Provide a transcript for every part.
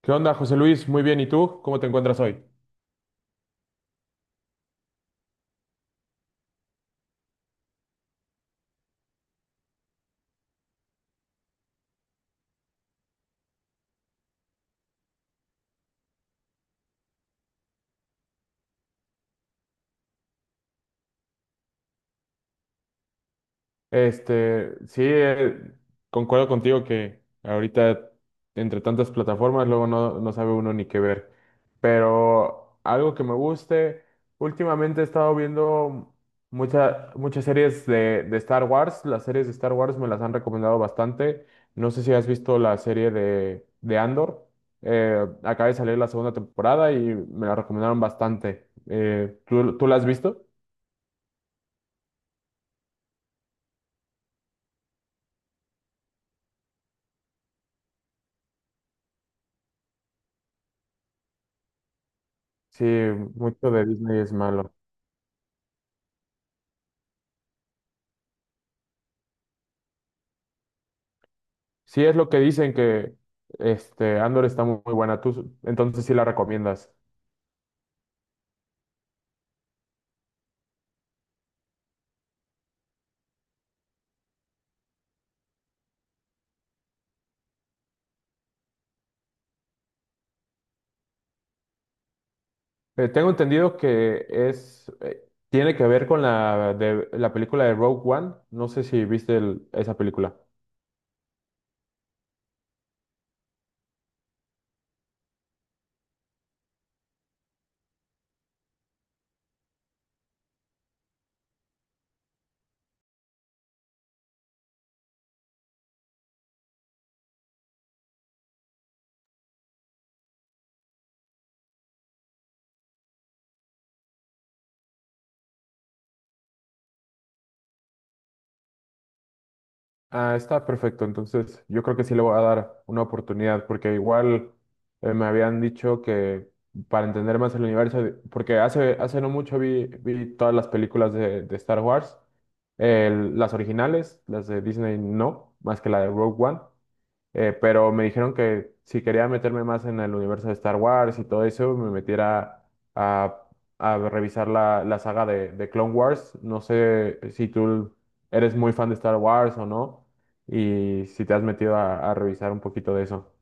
¿Qué onda, José Luis? Muy bien, ¿y tú? ¿Cómo te encuentras hoy? Sí, concuerdo contigo que ahorita entre tantas plataformas luego no sabe uno ni qué ver. Pero algo que me guste, últimamente he estado viendo muchas series de Star Wars. Las series de Star Wars me las han recomendado bastante. No sé si has visto la serie de Andor. Acaba de salir la segunda temporada y me la recomendaron bastante. ¿Tú la has visto? Sí, mucho de Disney es malo. Sí, es lo que dicen que este Andor está muy buena. Tú, entonces sí la recomiendas. Tengo entendido que es tiene que ver con la de la película de Rogue One. No sé si viste esa película. Ah, está perfecto. Entonces, yo creo que sí le voy a dar una oportunidad, porque igual me habían dicho que para entender más el universo, porque hace no mucho vi todas las películas de Star Wars, las originales, las de Disney no, más que la de Rogue One. Pero me dijeron que si quería meterme más en el universo de Star Wars y todo eso, me metiera a, a revisar la saga de Clone Wars. No sé si tú eres muy fan de Star Wars o no, y si te has metido a revisar un poquito de eso.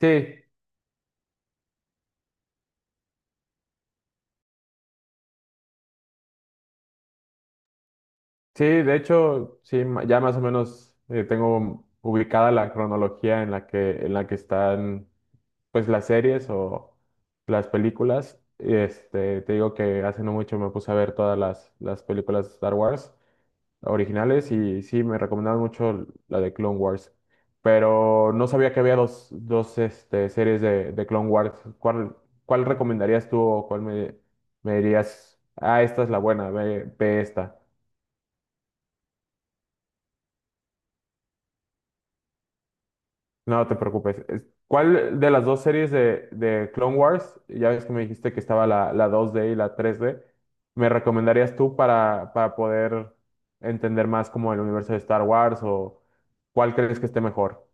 Sí, sí, de hecho, sí, ya más o menos tengo ubicada la cronología en en la que están pues las series o las películas. Este, te digo que hace no mucho me puse a ver todas las películas de Star Wars originales y sí, me recomendaban mucho la de Clone Wars. Pero no sabía que había dos este, series de Clone Wars. ¿Cuál, Cuál recomendarías tú o me dirías, ah, esta es la buena, ve esta? No te preocupes. ¿Cuál de las dos series de Clone Wars, ya ves que me dijiste que estaba la 2D y la 3D, me recomendarías tú para poder entender más como el universo de Star Wars o cuál crees que esté mejor?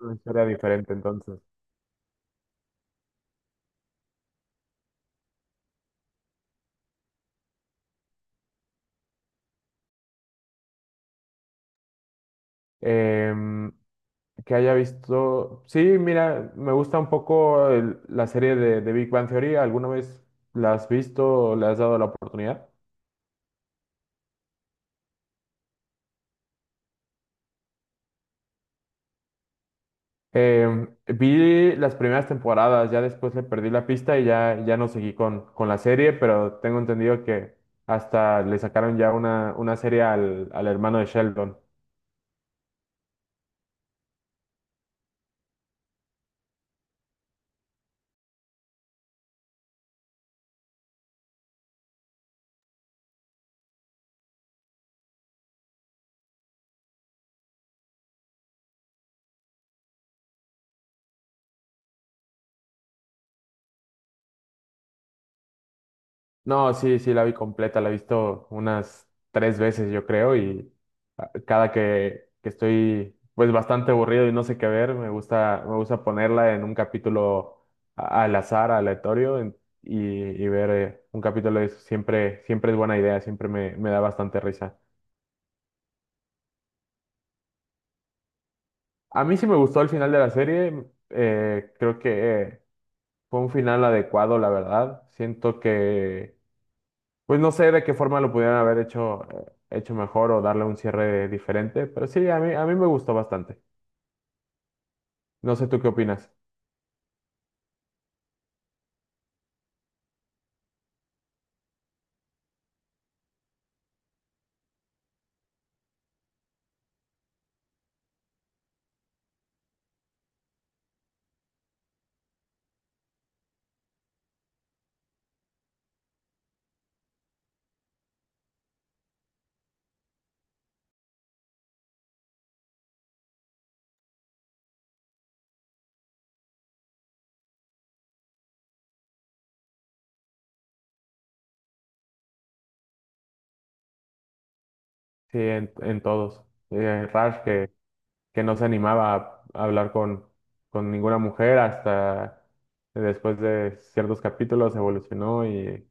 Una historia diferente entonces. Em, que haya visto... Sí, mira, me gusta un poco la serie de Big Bang Theory. ¿Alguna vez la has visto o le has dado la oportunidad? Vi las primeras temporadas, ya después le perdí la pista y ya no seguí con la serie, pero tengo entendido que hasta le sacaron una serie al hermano de Sheldon. No, sí, sí, la vi completa, la he visto unas tres veces, yo creo, y a- cada que estoy pues bastante aburrido y no sé qué ver, me gusta ponerla en un capítulo al azar, aleatorio, y, y ver un capítulo de eso. Siempre es buena idea, me da bastante risa. A mí sí me gustó el final de la serie. Creo que fue un final adecuado, la verdad. Siento que, pues no sé de qué forma lo pudieran haber hecho mejor o darle un cierre diferente, pero sí, a mí me gustó bastante. No sé tú qué opinas. Sí, en todos. Eh, Raj que no se animaba a hablar con ninguna mujer hasta después de ciertos capítulos evolucionó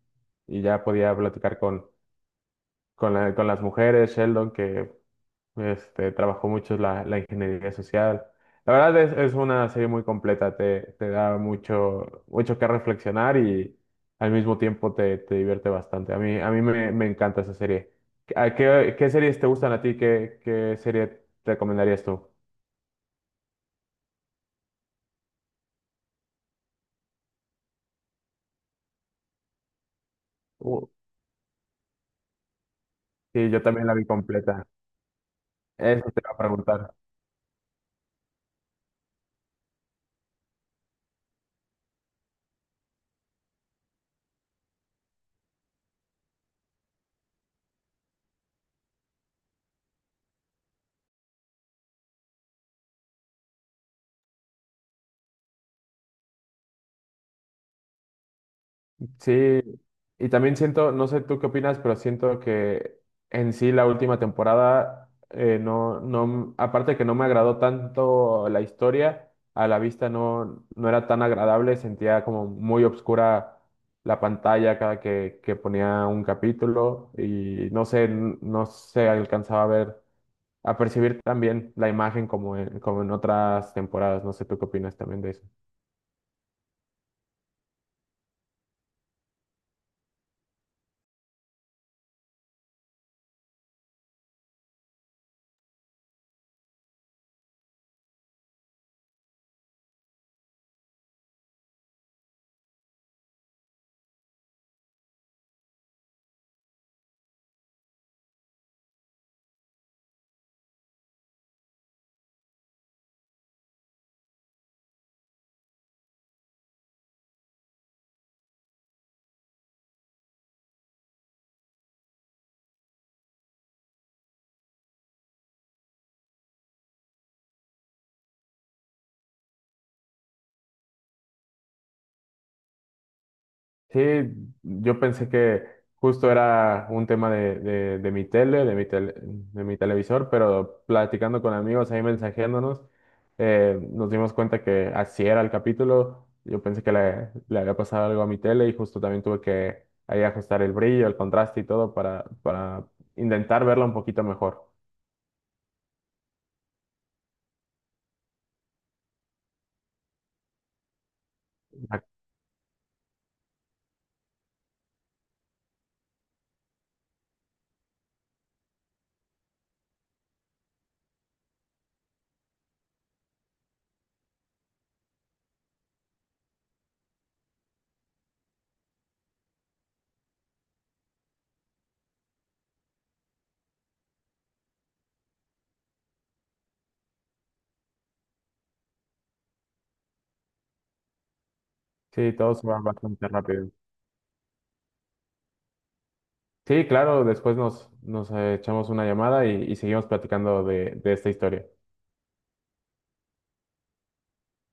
y ya podía platicar con las mujeres. Sheldon que este, trabajó mucho la ingeniería social. La verdad es una serie muy completa, te da mucho que reflexionar y al mismo tiempo te divierte bastante. A mí me, me encanta esa serie. ¿Qué series te gustan a ti? ¿Qué serie te recomendarías tú? Uh, Sí, yo también la vi completa. Eso te iba a preguntar. Sí, y también siento, no sé tú qué opinas, pero siento que en sí la última temporada, no, aparte de que no me agradó tanto la historia, a la vista no era tan agradable, sentía como muy obscura la pantalla cada que ponía un capítulo y no sé, no se alcanzaba a ver, a percibir también la imagen como en, como en otras temporadas, no sé tú qué opinas también de eso. Sí, yo pensé que justo era un tema de mi tele, de mi televisor, pero platicando con amigos, ahí mensajeándonos, nos dimos cuenta que así era el capítulo. Yo pensé que le había pasado algo a mi tele y justo también tuve que ahí ajustar el brillo, el contraste y todo para intentar verla un poquito mejor. Ah, sí, todo se va bastante rápido. Sí, claro, después nos echamos una llamada y seguimos platicando de esta historia.